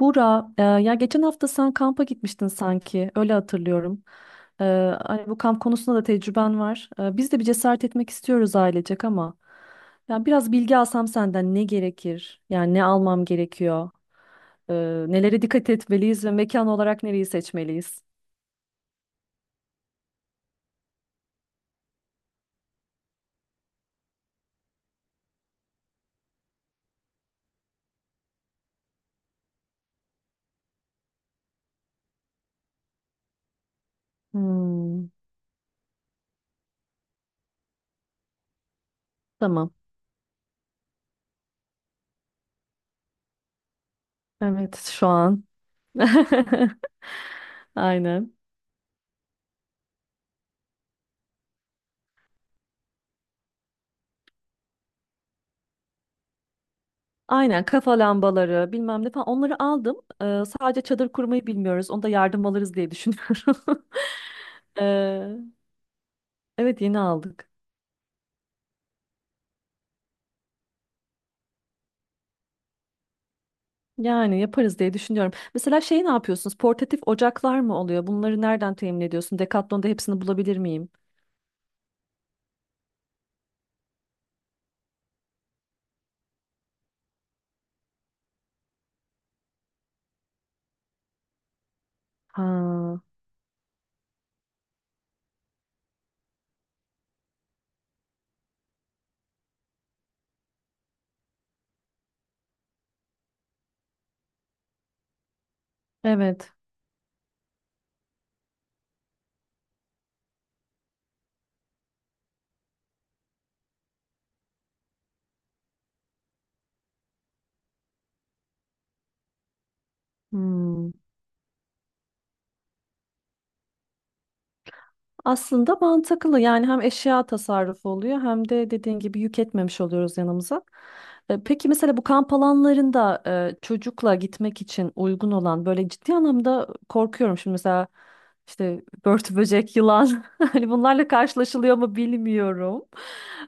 Bura, ya geçen hafta sen kampa gitmiştin sanki, öyle hatırlıyorum. E, Hani bu kamp konusunda da tecrüben var. Biz de bir cesaret etmek istiyoruz ailecek ama ya biraz bilgi alsam senden ne gerekir? Yani ne almam gerekiyor? E, Nelere dikkat etmeliyiz ve mekan olarak nereyi seçmeliyiz? Hmm, tamam. Evet, şu an. Aynen. Aynen kafa lambaları bilmem ne falan onları aldım. Sadece çadır kurmayı bilmiyoruz. Onda yardım alırız diye düşünüyorum. Ee, evet yeni aldık. Yani yaparız diye düşünüyorum. Mesela şey ne yapıyorsunuz? Portatif ocaklar mı oluyor? Bunları nereden temin ediyorsun? Decathlon'da hepsini bulabilir miyim? Ha, evet. Hmm. Aslında mantıklı yani hem eşya tasarrufu oluyor hem de dediğin gibi yük etmemiş oluyoruz yanımıza. Peki mesela bu kamp alanlarında çocukla gitmek için uygun olan böyle ciddi anlamda korkuyorum şimdi mesela işte börtü böcek, yılan, hani bunlarla karşılaşılıyor mu bilmiyorum.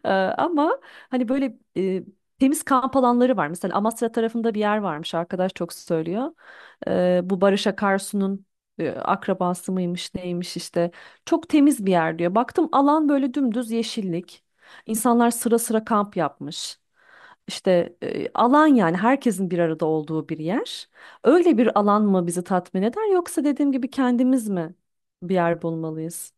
Ama hani böyle temiz kamp alanları var. Mesela Amasra tarafında bir yer varmış arkadaş çok söylüyor. Bu Barış Akarsu'nun akrabası mıymış neymiş işte çok temiz bir yer diyor. Baktım alan böyle dümdüz yeşillik. İnsanlar sıra sıra kamp yapmış. İşte alan yani herkesin bir arada olduğu bir yer. Öyle bir alan mı bizi tatmin eder yoksa dediğim gibi kendimiz mi bir yer bulmalıyız?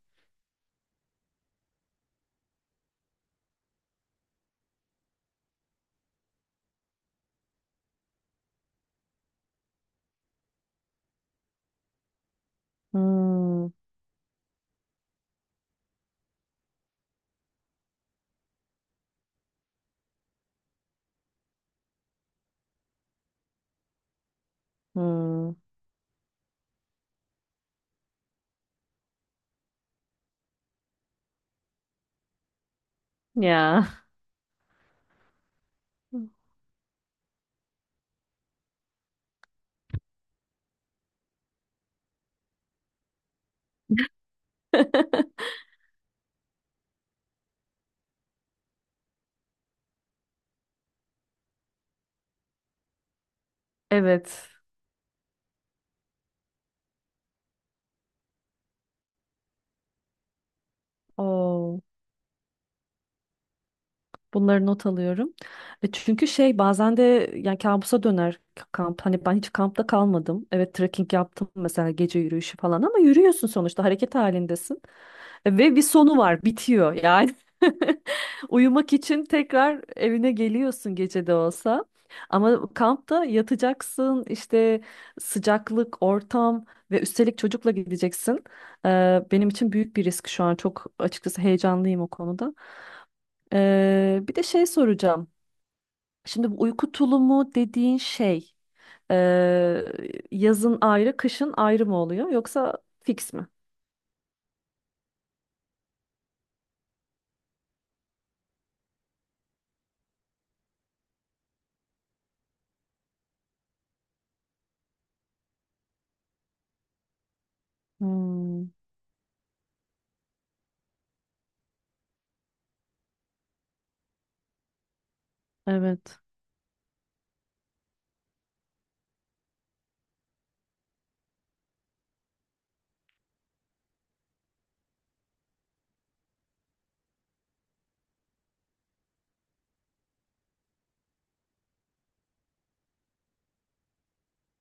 Hmm, hmm. Ya. Evet. Oo. Bunları not alıyorum. E çünkü şey bazen de yani kabusa döner kamp. Hani ben hiç kampta kalmadım. Evet trekking yaptım mesela gece yürüyüşü falan ama yürüyorsun sonuçta hareket halindesin. Ve bir sonu var, bitiyor yani. Uyumak için tekrar evine geliyorsun gece de olsa. Ama kampta yatacaksın işte sıcaklık, ortam ve üstelik çocukla gideceksin. E, benim için büyük bir risk şu an çok açıkçası heyecanlıyım o konuda. Bir de şey soracağım. Şimdi bu uyku tulumu dediğin şey ee, yazın ayrı, kışın ayrı mı oluyor yoksa fix mi? Hmm, evet.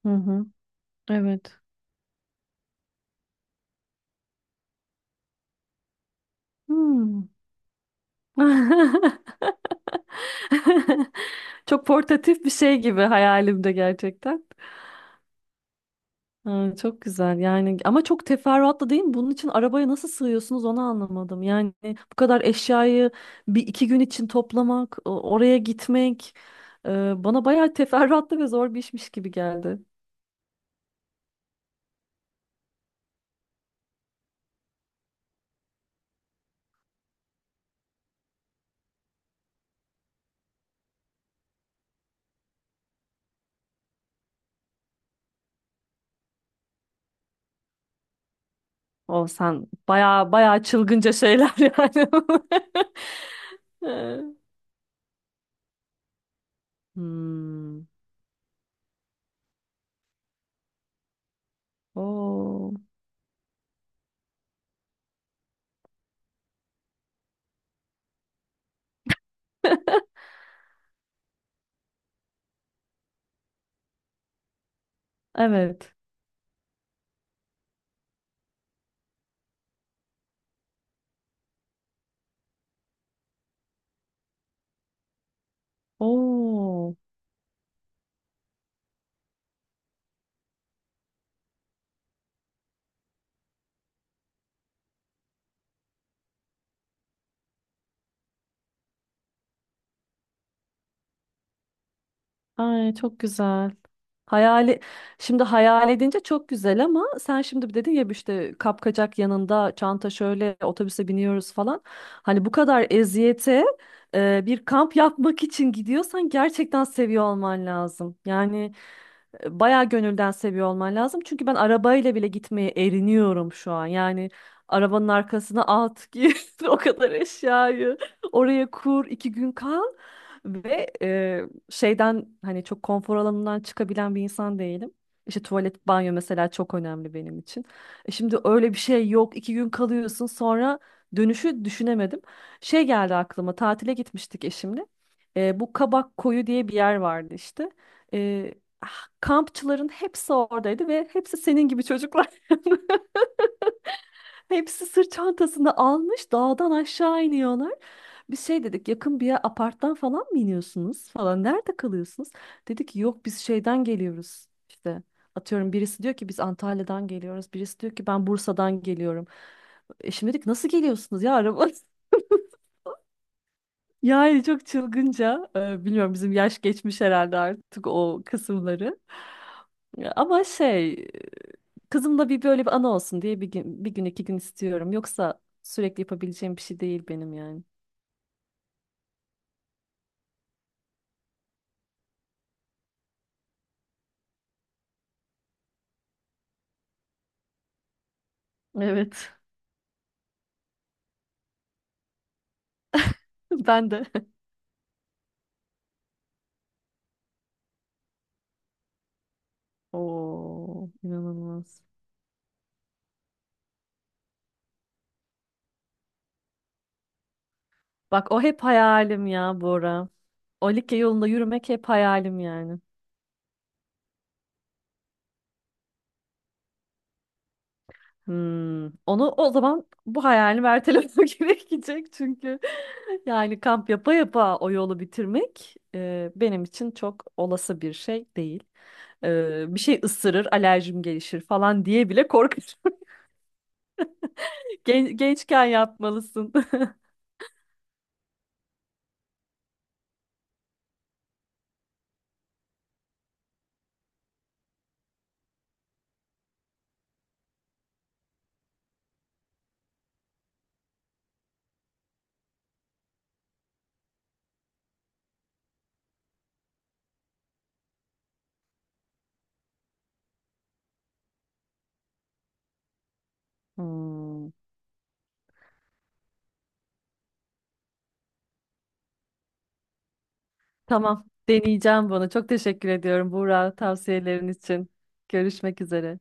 Hı hı, evet. Hmm. Çok portatif bir şey gibi hayalimde gerçekten. Ha, çok güzel yani ama çok teferruatlı değil mi? Bunun için arabaya nasıl sığıyorsunuz onu anlamadım. Yani bu kadar eşyayı bir iki gün için toplamak, oraya gitmek, e, bana bayağı teferruatlı ve zor bir işmiş gibi geldi. O sen bayağı bayağı çılgınca şeyler yani. Hmm. Oo. Evet. Oo. Ay çok güzel. Hayali şimdi hayal edince çok güzel ama sen şimdi bir dedin ya işte kapkacak yanında çanta şöyle otobüse biniyoruz falan. Hani bu kadar eziyete bir kamp yapmak için gidiyorsan gerçekten seviyor olman lazım. Yani bayağı gönülden seviyor olman lazım. Çünkü ben arabayla bile gitmeye eriniyorum şu an. Yani arabanın arkasına at, gir o kadar eşyayı oraya kur, iki gün kal ve şeyden hani çok konfor alanından çıkabilen bir insan değilim. İşte tuvalet, banyo mesela çok önemli benim için. E şimdi öyle bir şey yok. İki gün kalıyorsun sonra dönüşü düşünemedim. Şey geldi aklıma tatile gitmiştik eşimle. Bu Kabak Koyu diye bir yer vardı işte. E, ah, kampçıların hepsi oradaydı ve hepsi senin gibi çocuklar. Hepsi sırt çantasını almış dağdan aşağı iniyorlar. Biz şey dedik yakın bir yer aparttan falan mı iniyorsunuz falan nerede kalıyorsunuz? Dedi ki yok biz şeyden geliyoruz işte atıyorum birisi diyor ki biz Antalya'dan geliyoruz birisi diyor ki ben Bursa'dan geliyorum. Eşim dedik nasıl geliyorsunuz ya araba? Yani çok çılgınca, bilmiyorum bizim yaş geçmiş herhalde artık o kısımları. Ama şey, kızımla bir böyle bir anı olsun diye bir gün, bir gün iki gün istiyorum. Yoksa sürekli yapabileceğim bir şey değil benim yani. Evet, ben de. Oo, inanılmaz. Bak o hep hayalim ya Bora. O like yolunda yürümek hep hayalim yani. Hmm, onu o zaman bu hayalini ertelemek gerekecek çünkü yani kamp yapa yapa o yolu bitirmek benim için çok olası bir şey değil. Bir şey ısırır, alerjim gelişir falan diye bile korkarım. Gençken yapmalısın. Hmm, tamam, deneyeceğim bunu. Çok teşekkür ediyorum Buğra tavsiyelerin için. Görüşmek üzere.